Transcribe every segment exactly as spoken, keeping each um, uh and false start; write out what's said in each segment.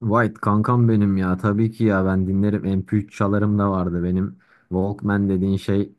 White kankam benim ya, tabii ki ya, ben dinlerim, M P üç çalarım da vardı benim. Walkman dediğin şey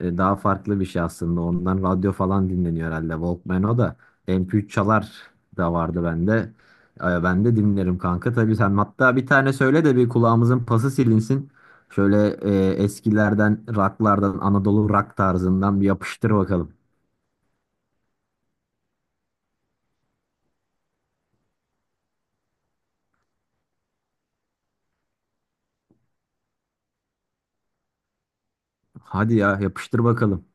e, daha farklı bir şey aslında. Ondan radyo falan dinleniyor herhalde Walkman, o da. M P üç çalar da vardı bende. E, ben de dinlerim kanka tabii. Sen hatta bir tane söyle de bir kulağımızın pası silinsin şöyle, e, eskilerden, rocklardan, Anadolu rock tarzından bir yapıştır bakalım. Hadi ya, yapıştır bakalım.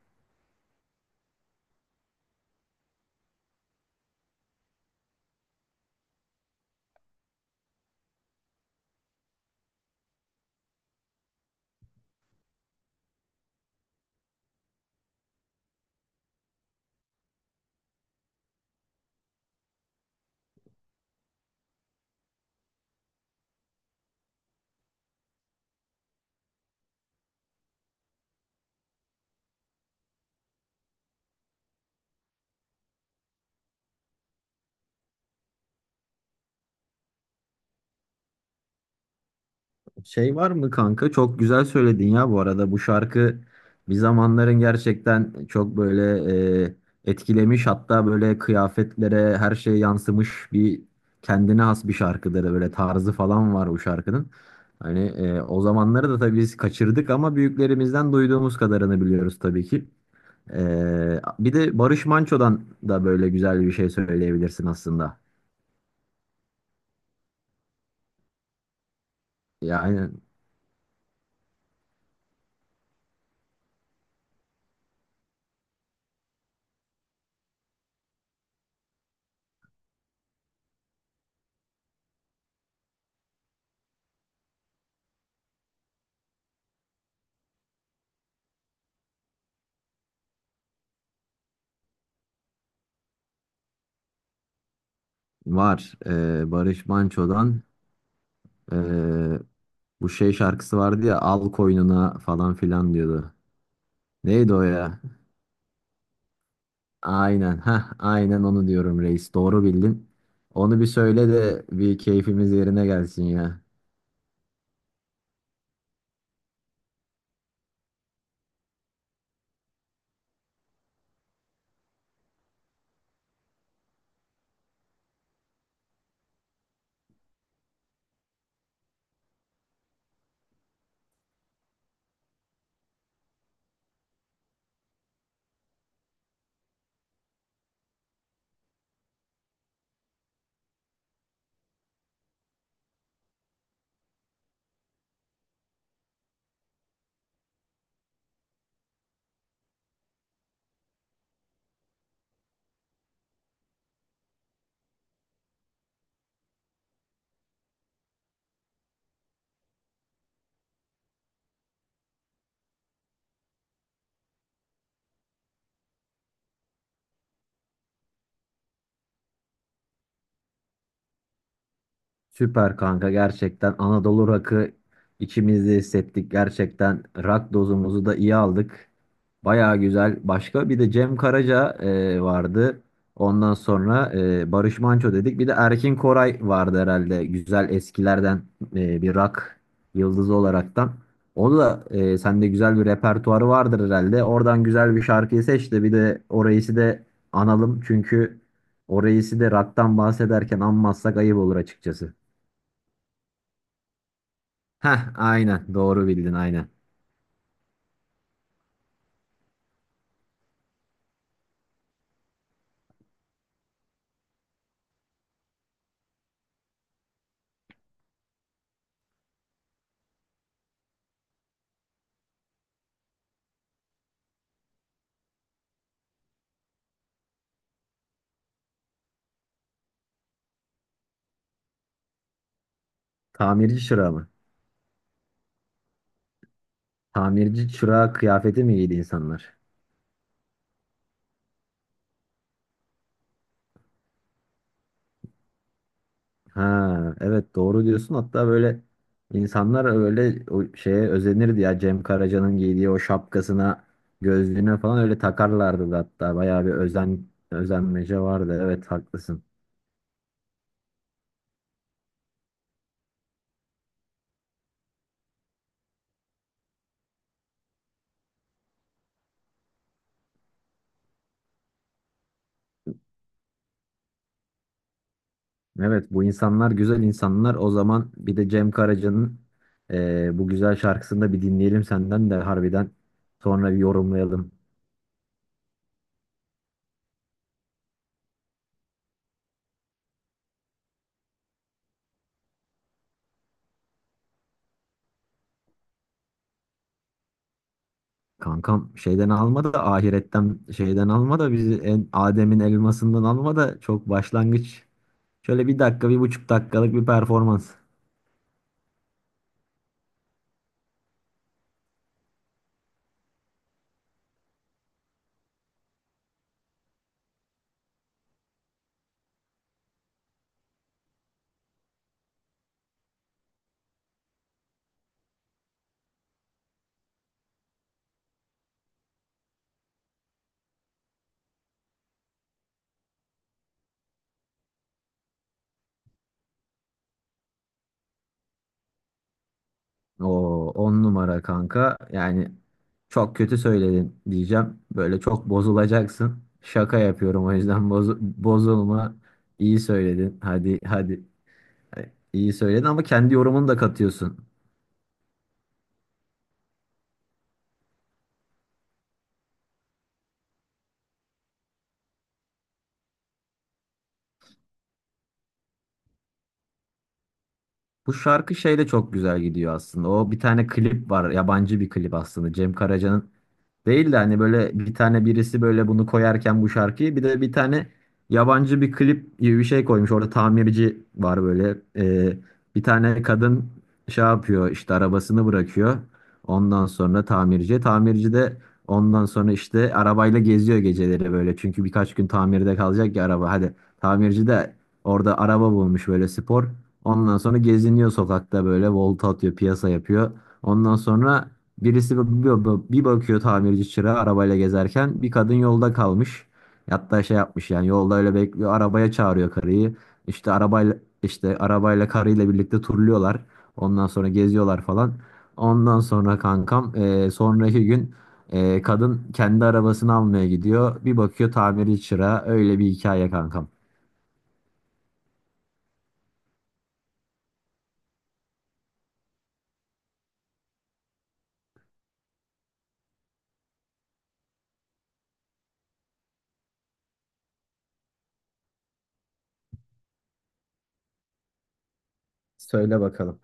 Şey var mı kanka? Çok güzel söyledin ya bu arada. Bu şarkı bir zamanların gerçekten çok böyle e, etkilemiş. Hatta böyle kıyafetlere, her şeye yansımış, bir kendine has bir şarkıdır. Böyle tarzı falan var bu şarkının. Hani e, o zamanları da tabii biz kaçırdık ama büyüklerimizden duyduğumuz kadarını biliyoruz tabii ki. E, bir de Barış Manço'dan da böyle güzel bir şey söyleyebilirsin aslında. Yani var. E, Barış Manço'dan. Ee, Bu şey şarkısı vardı ya, al koynuna falan filan diyordu. Neydi o ya? Aynen, ha aynen onu diyorum reis. Doğru bildin. Onu bir söyle de bir keyfimiz yerine gelsin ya. Süper kanka, gerçekten Anadolu rakı içimizde hissettik. Gerçekten rak dozumuzu da iyi aldık. Baya güzel. Başka bir de Cem Karaca e, vardı. Ondan sonra e, Barış Manço dedik. Bir de Erkin Koray vardı herhalde, güzel eskilerden e, bir rak yıldızı olaraktan. O da e, sende güzel bir repertuarı vardır herhalde. Oradan güzel bir şarkıyı seç de bir de orayısı da analım. Çünkü orayısı da raktan bahsederken anmazsak ayıp olur açıkçası. Heh, aynen. Doğru bildin, aynen. Tamirci çırağı mı? Tamirci çırağı kıyafeti mi giydi insanlar? Ha, evet doğru diyorsun. Hatta böyle insanlar öyle o şeye özenirdi ya. Cem Karaca'nın giydiği o şapkasına, gözlüğüne falan öyle takarlardı da hatta. Bayağı bir özen özenmece vardı. Evet, haklısın. Evet, bu insanlar güzel insanlar. O zaman bir de Cem Karaca'nın eee, bu güzel şarkısını da bir dinleyelim senden de, harbiden sonra bir yorumlayalım. Kankam şeyden alma da, ahiretten şeyden alma da bizi, en Adem'in elmasından alma da, çok başlangıç. Şöyle bir dakika, bir buçuk dakikalık bir performans. O on numara kanka yani, çok kötü söyledin diyeceğim. Böyle çok bozulacaksın. Şaka yapıyorum, o yüzden bozu- bozulma. İyi söyledin. Hadi hadi. İyi söyledin ama kendi yorumunu da katıyorsun. Bu şarkı şeyde çok güzel gidiyor aslında. O bir tane klip var. Yabancı bir klip aslında. Cem Karaca'nın değil de, hani böyle bir tane birisi böyle bunu koyarken, bu şarkıyı bir de bir tane yabancı bir klip gibi bir şey koymuş. Orada tamirci var böyle. Ee, bir tane kadın şey yapıyor, işte arabasını bırakıyor. Ondan sonra tamirci. Tamirci de ondan sonra işte arabayla geziyor geceleri böyle. Çünkü birkaç gün tamirde kalacak ya araba. Hadi, tamirci de orada araba bulmuş böyle, spor. Ondan sonra geziniyor sokakta böyle, volta atıyor, piyasa yapıyor. Ondan sonra birisi bir, bir bakıyor tamirci çırağı arabayla gezerken bir kadın yolda kalmış. Hatta şey yapmış, yani yolda öyle bekliyor, arabaya çağırıyor karıyı. İşte arabayla işte arabayla karıyla birlikte turluyorlar. Ondan sonra geziyorlar falan. Ondan sonra kankam eee, sonraki gün eee, kadın kendi arabasını almaya gidiyor. Bir bakıyor, tamirci çırağı. Öyle bir hikaye kankam. Söyle bakalım.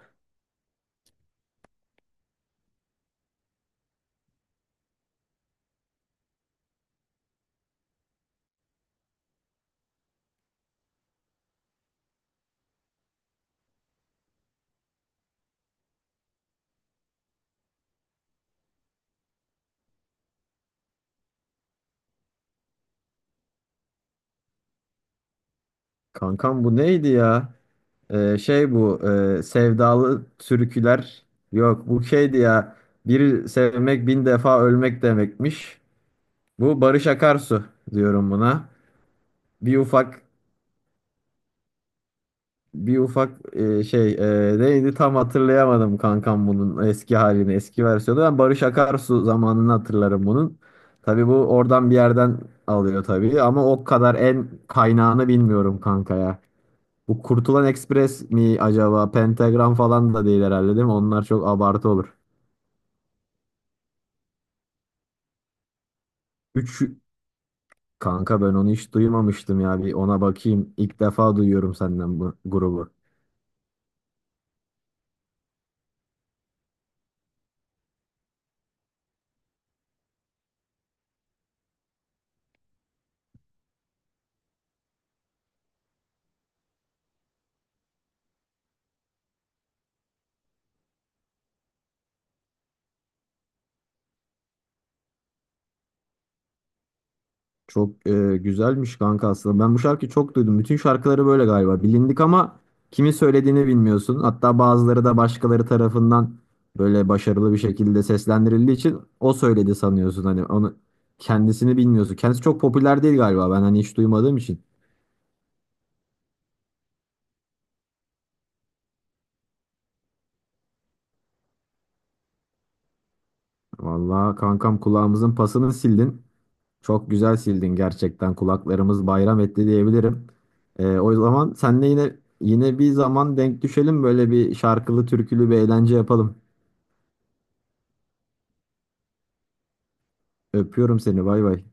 Kankam bu neydi ya? Ee, şey bu e, sevdalı türküler, yok bu şeydi ya, bir sevmek bin defa ölmek demekmiş. Bu Barış Akarsu diyorum buna. Bir ufak bir ufak e, şey e, neydi, tam hatırlayamadım kankam bunun eski halini, eski versiyonu. Ben Barış Akarsu zamanını hatırlarım bunun. Tabii bu oradan bir yerden alıyor tabii ama o kadar en kaynağını bilmiyorum kanka ya. Bu Kurtulan Express mi acaba? Pentagram falan da değil herhalde, değil mi? Onlar çok abartı olur. Üç, kanka ben onu hiç duymamıştım ya. Bir ona bakayım. İlk defa duyuyorum senden bu grubu. Çok e, güzelmiş kanka aslında. Ben bu şarkıyı çok duydum. Bütün şarkıları böyle galiba, bilindik ama kimin söylediğini bilmiyorsun. Hatta bazıları da başkaları tarafından böyle başarılı bir şekilde seslendirildiği için o söyledi sanıyorsun. Hani onu, kendisini bilmiyorsun. Kendisi çok popüler değil galiba. Ben hani hiç duymadığım için. Vallahi kankam, kulağımızın pasını sildin. Çok güzel sildin gerçekten. Kulaklarımız bayram etti diyebilirim. Ee, o zaman senle yine yine bir zaman denk düşelim, böyle bir şarkılı türkülü bir eğlence yapalım. Öpüyorum seni. Bay bay.